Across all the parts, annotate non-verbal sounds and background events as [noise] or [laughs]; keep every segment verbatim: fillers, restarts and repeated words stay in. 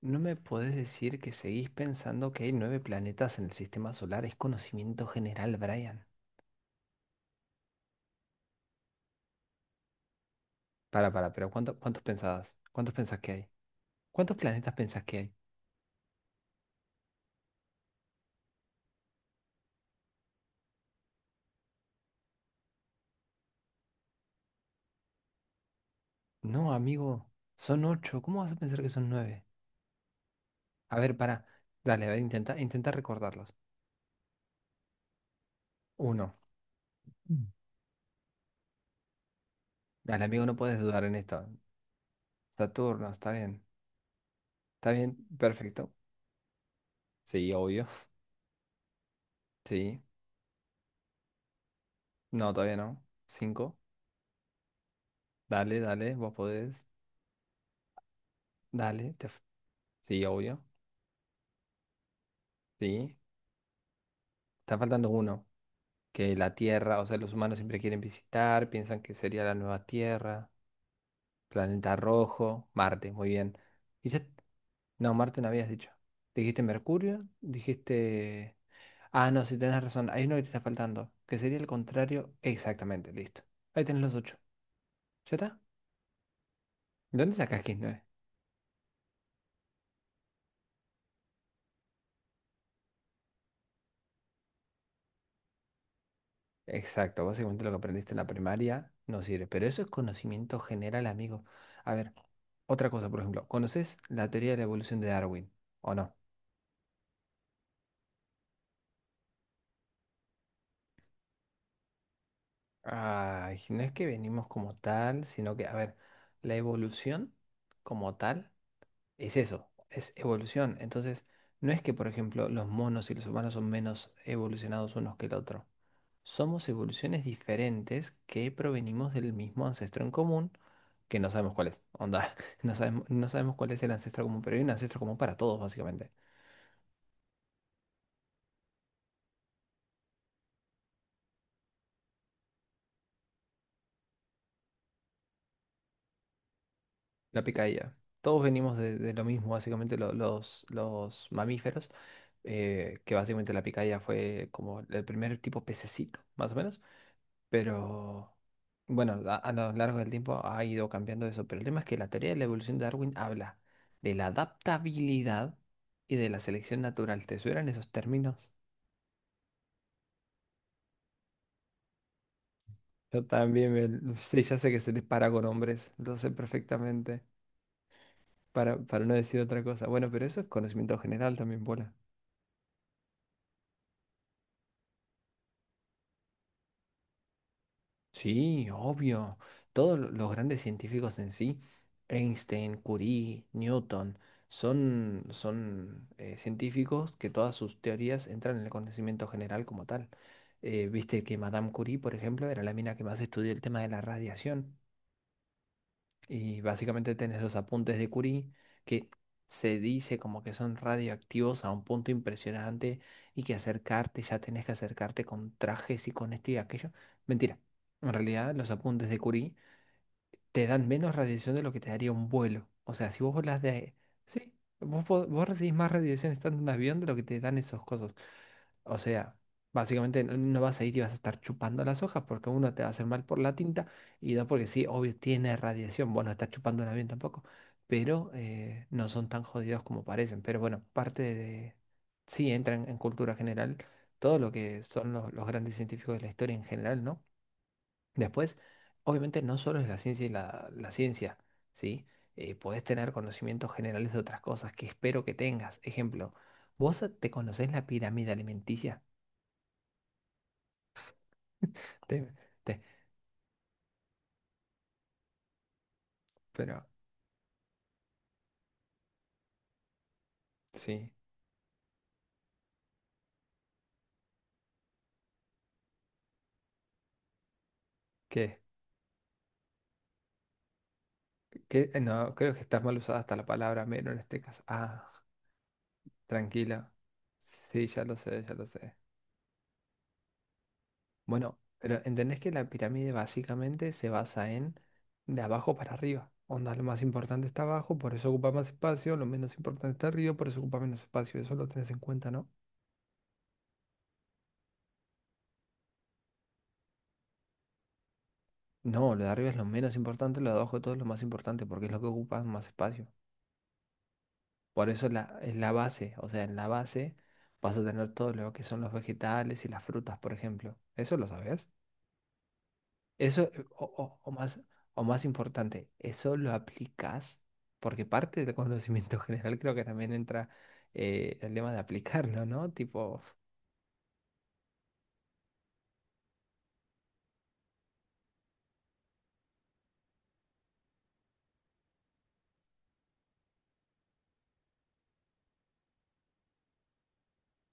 No me podés decir que seguís pensando que hay nueve planetas en el sistema solar. Es conocimiento general, Brian. Para, para, pero ¿cuánto- ¿cuántos pensabas? ¿Cuántos pensás que hay? ¿Cuántos planetas pensás que hay? No, amigo, son ocho. ¿Cómo vas a pensar que son nueve? A ver, para. Dale, a ver, intenta, intenta recordarlos. Uno. Mm. Dale, amigo, no puedes dudar en esto. Saturno, está bien. Está bien, perfecto. Sí, obvio. Sí. No, todavía no. Cinco. Dale, dale, vos podés. Dale, te... f- Sí, obvio. Sí. Está faltando uno, que la Tierra, o sea, los humanos siempre quieren visitar, piensan que sería la nueva Tierra, planeta rojo, Marte, muy bien. Y ya- no, Marte no habías dicho. Dijiste Mercurio, dijiste... Ah, no, si tenés razón, hay uno que te está faltando, que sería el contrario, exactamente, listo. Ahí tenés los ocho. ¿Ya está? ¿De ¿Dónde sacás que es nueve? Exacto, básicamente lo que aprendiste en la primaria no sirve, pero eso es conocimiento general, amigo. A ver, otra cosa, por ejemplo, ¿conoces la teoría de la evolución de Darwin o no? Ay, no es que venimos como tal, sino que, a ver, la evolución como tal es eso, es evolución. Entonces, no es que, por ejemplo, los monos y los humanos son menos evolucionados unos que el otro. Somos evoluciones diferentes que provenimos del mismo ancestro en común, que no sabemos cuál es. Onda, [laughs] no sabemos, no sabemos cuál es el ancestro común, pero hay un ancestro común para todos, básicamente. La picadilla. Todos venimos de, de lo mismo, básicamente lo- los, los mamíferos. Eh, que básicamente la picaya fue como el primer tipo pececito, más o menos. Pero bueno, a, a lo largo del tiempo ha ido cambiando eso. Pero el tema es que la teoría de la evolución de Darwin habla de la adaptabilidad y de la selección natural. ¿Te suenan esos términos? Yo también me- sí, ya sé que se dispara con hombres, lo sé perfectamente, para, para no decir otra cosa. Bueno, pero eso es conocimiento general también, bola. Sí, obvio. Todos lo- los grandes científicos en sí, Einstein, Curie, Newton, son, son eh, científicos que todas sus teorías entran en el conocimiento general como tal. Eh, viste que Madame Curie, por ejemplo, era la mina que más estudió el tema de la radiación. Y básicamente tenés los apuntes de Curie, que se dice como que son radioactivos a un punto impresionante y que acercarte, ya tenés que acercarte con trajes y con esto y aquello. Mentira. En realidad, los apuntes de Curie te dan menos radiación de lo que te daría un vuelo. O sea, si vos volás de... Sí, vos, po- vos recibís más radiación estando en un avión de lo que te dan esos cosos. O sea, básicamente no no vas a ir y vas a estar chupando las hojas porque uno te va a hacer mal por la tinta y dos porque sí, obvio, tiene radiación. Bueno, está chupando un avión tampoco, pero eh, no son tan jodidos como parecen. Pero bueno, parte de... Sí, entran en cultura general todo lo que son los, los grandes científicos de la historia en general, ¿no? Después, obviamente no solo es la ciencia y la, la ciencia, ¿sí? Eh, podés tener conocimientos generales de otras cosas que espero que tengas. Ejemplo, ¿vos te conocés la pirámide alimenticia? [laughs] Te- te- pero, sí, ¿qué? ¿Qué? No, creo que estás mal usada hasta la palabra mero en este caso. Ah, tranquila. Sí, ya lo sé, ya lo sé. Bueno, pero entendés que la pirámide básicamente se basa en de abajo para arriba. Onda, lo más importante está abajo, por eso ocupa más espacio, lo menos importante está arriba, por eso ocupa menos espacio. Eso lo tenés en cuenta, ¿no? No, lo de arriba es lo menos importante, lo de abajo de todo es lo más importante, porque es lo que ocupa más espacio. Por eso la, es la base, o sea, en la base vas a tener todo lo que son los vegetales y las frutas, por ejemplo. ¿Eso lo sabes? Eso, eh, o, o- o más, o más importante, eso lo aplicas, porque parte del conocimiento [laughs] general creo que también entra eh, el tema de aplicarlo, ¿no? Tipo,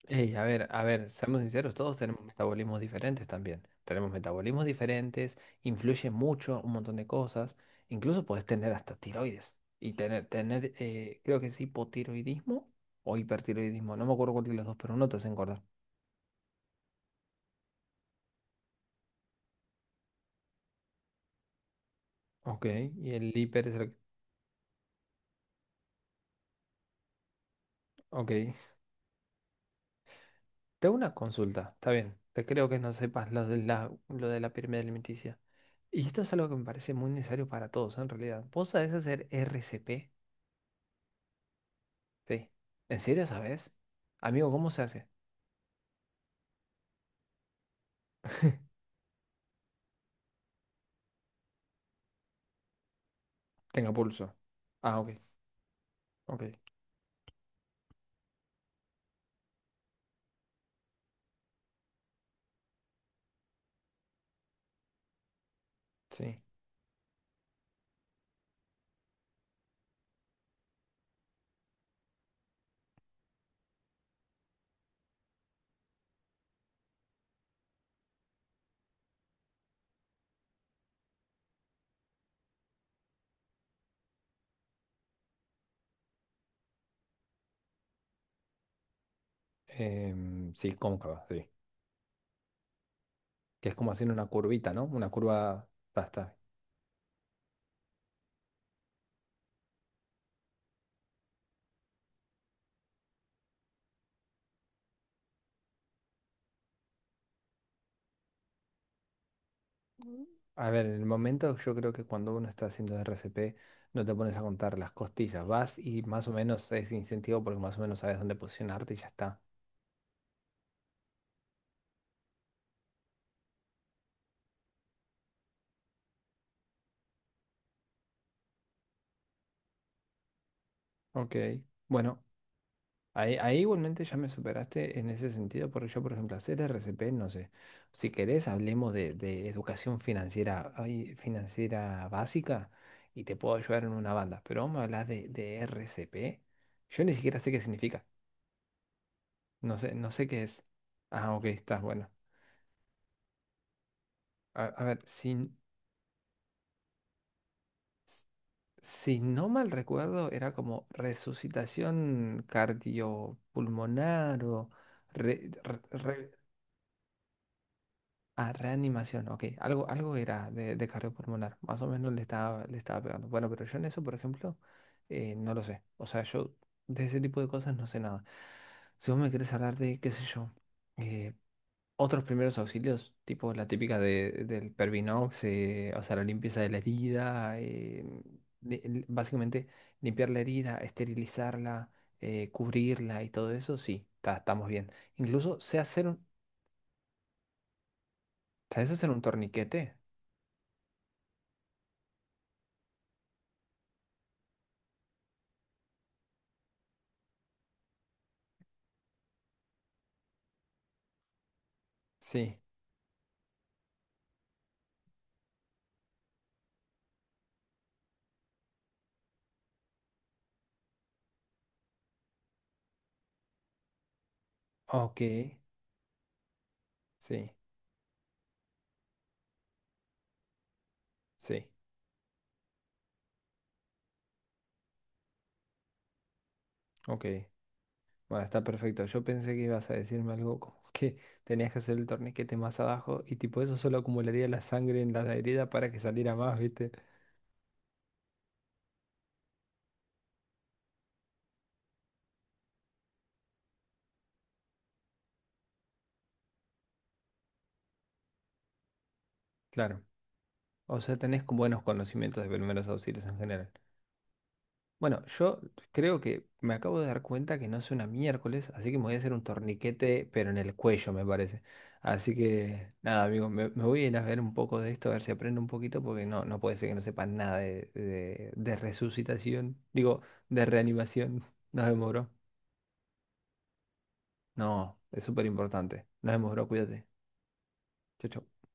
hey, a ver, a ver, seamos sinceros, todos tenemos metabolismos diferentes también. Tenemos metabolismos diferentes, influye mucho un montón de cosas. Incluso puedes tener hasta tiroides y tener, tener eh, creo que es hipotiroidismo o hipertiroidismo. No me acuerdo cuál de los dos, pero uno te hace engordar. Ok, y el hiper es el... Ok. Te hago una consulta, está bien. Te creo que no sepas lo de la, lo de la pirámide alimenticia. Y esto es algo que me parece muy necesario para todos, ¿eh? En realidad, ¿vos sabés hacer R C P? Sí. ¿En serio sabés? Amigo, ¿cómo se hace? Tenga pulso. Ah, ok, ok, sí. Em, sí, cóncava, sí. Que es como hacer una curvita, ¿no? Una curva, basta. A ver, en el momento yo creo que cuando uno está haciendo R C P no te pones a contar las costillas, vas y más o menos es incentivo porque más o menos sabes dónde posicionarte y ya está. Ok, bueno, ahí, ahí igualmente ya me superaste en ese sentido porque yo, por ejemplo, hacer R C P, no sé, si querés hablemos de de educación financiera, ay, financiera básica y te puedo ayudar en una banda, pero vamos a hablar de de R C P, yo ni siquiera sé qué significa, no sé, no sé qué es. Ah, ok, estás bueno. A, a ver, si, S- Si no mal recuerdo, era como resucitación cardiopulmonar o re- re- re- ah, reanimación, ok. Algo, algo era de, de cardiopulmonar, más o menos le estaba, le estaba pegando. Bueno, pero yo en eso, por ejemplo, eh, no lo sé. O sea, yo de ese tipo de cosas no sé nada. Si vos me querés hablar de, qué sé yo, eh, otros primeros auxilios, tipo la típica de, del Pervinox, eh, o sea, la limpieza de la herida, eh, li- li- básicamente limpiar la herida, esterilizarla, eh, cubrirla y todo eso, sí, ta- estamos bien. Incluso sé hacer un, ¿sabes hacer un torniquete? Sí, ok, sí, sí, ok. Bueno, está perfecto. Yo pensé que ibas a decirme algo como [laughs] que tenías que hacer el torniquete más abajo y tipo eso solo acumularía la sangre en la herida para que saliera más, ¿viste? Claro. O sea, tenés con buenos conocimientos de primeros auxilios en general. Bueno, yo creo que me acabo de dar cuenta que no es una miércoles, así que me voy a hacer un torniquete, pero en el cuello, me parece. Así que, nada, amigo, me, me voy a ir a ver un poco de esto, a ver si aprendo un poquito, porque no, no puede ser que no sepa nada de, de, de resucitación, digo, de reanimación. [laughs] Nos vemos, bro. No, es súper importante. Nos vemos, bro, cuídate. Chau, chau.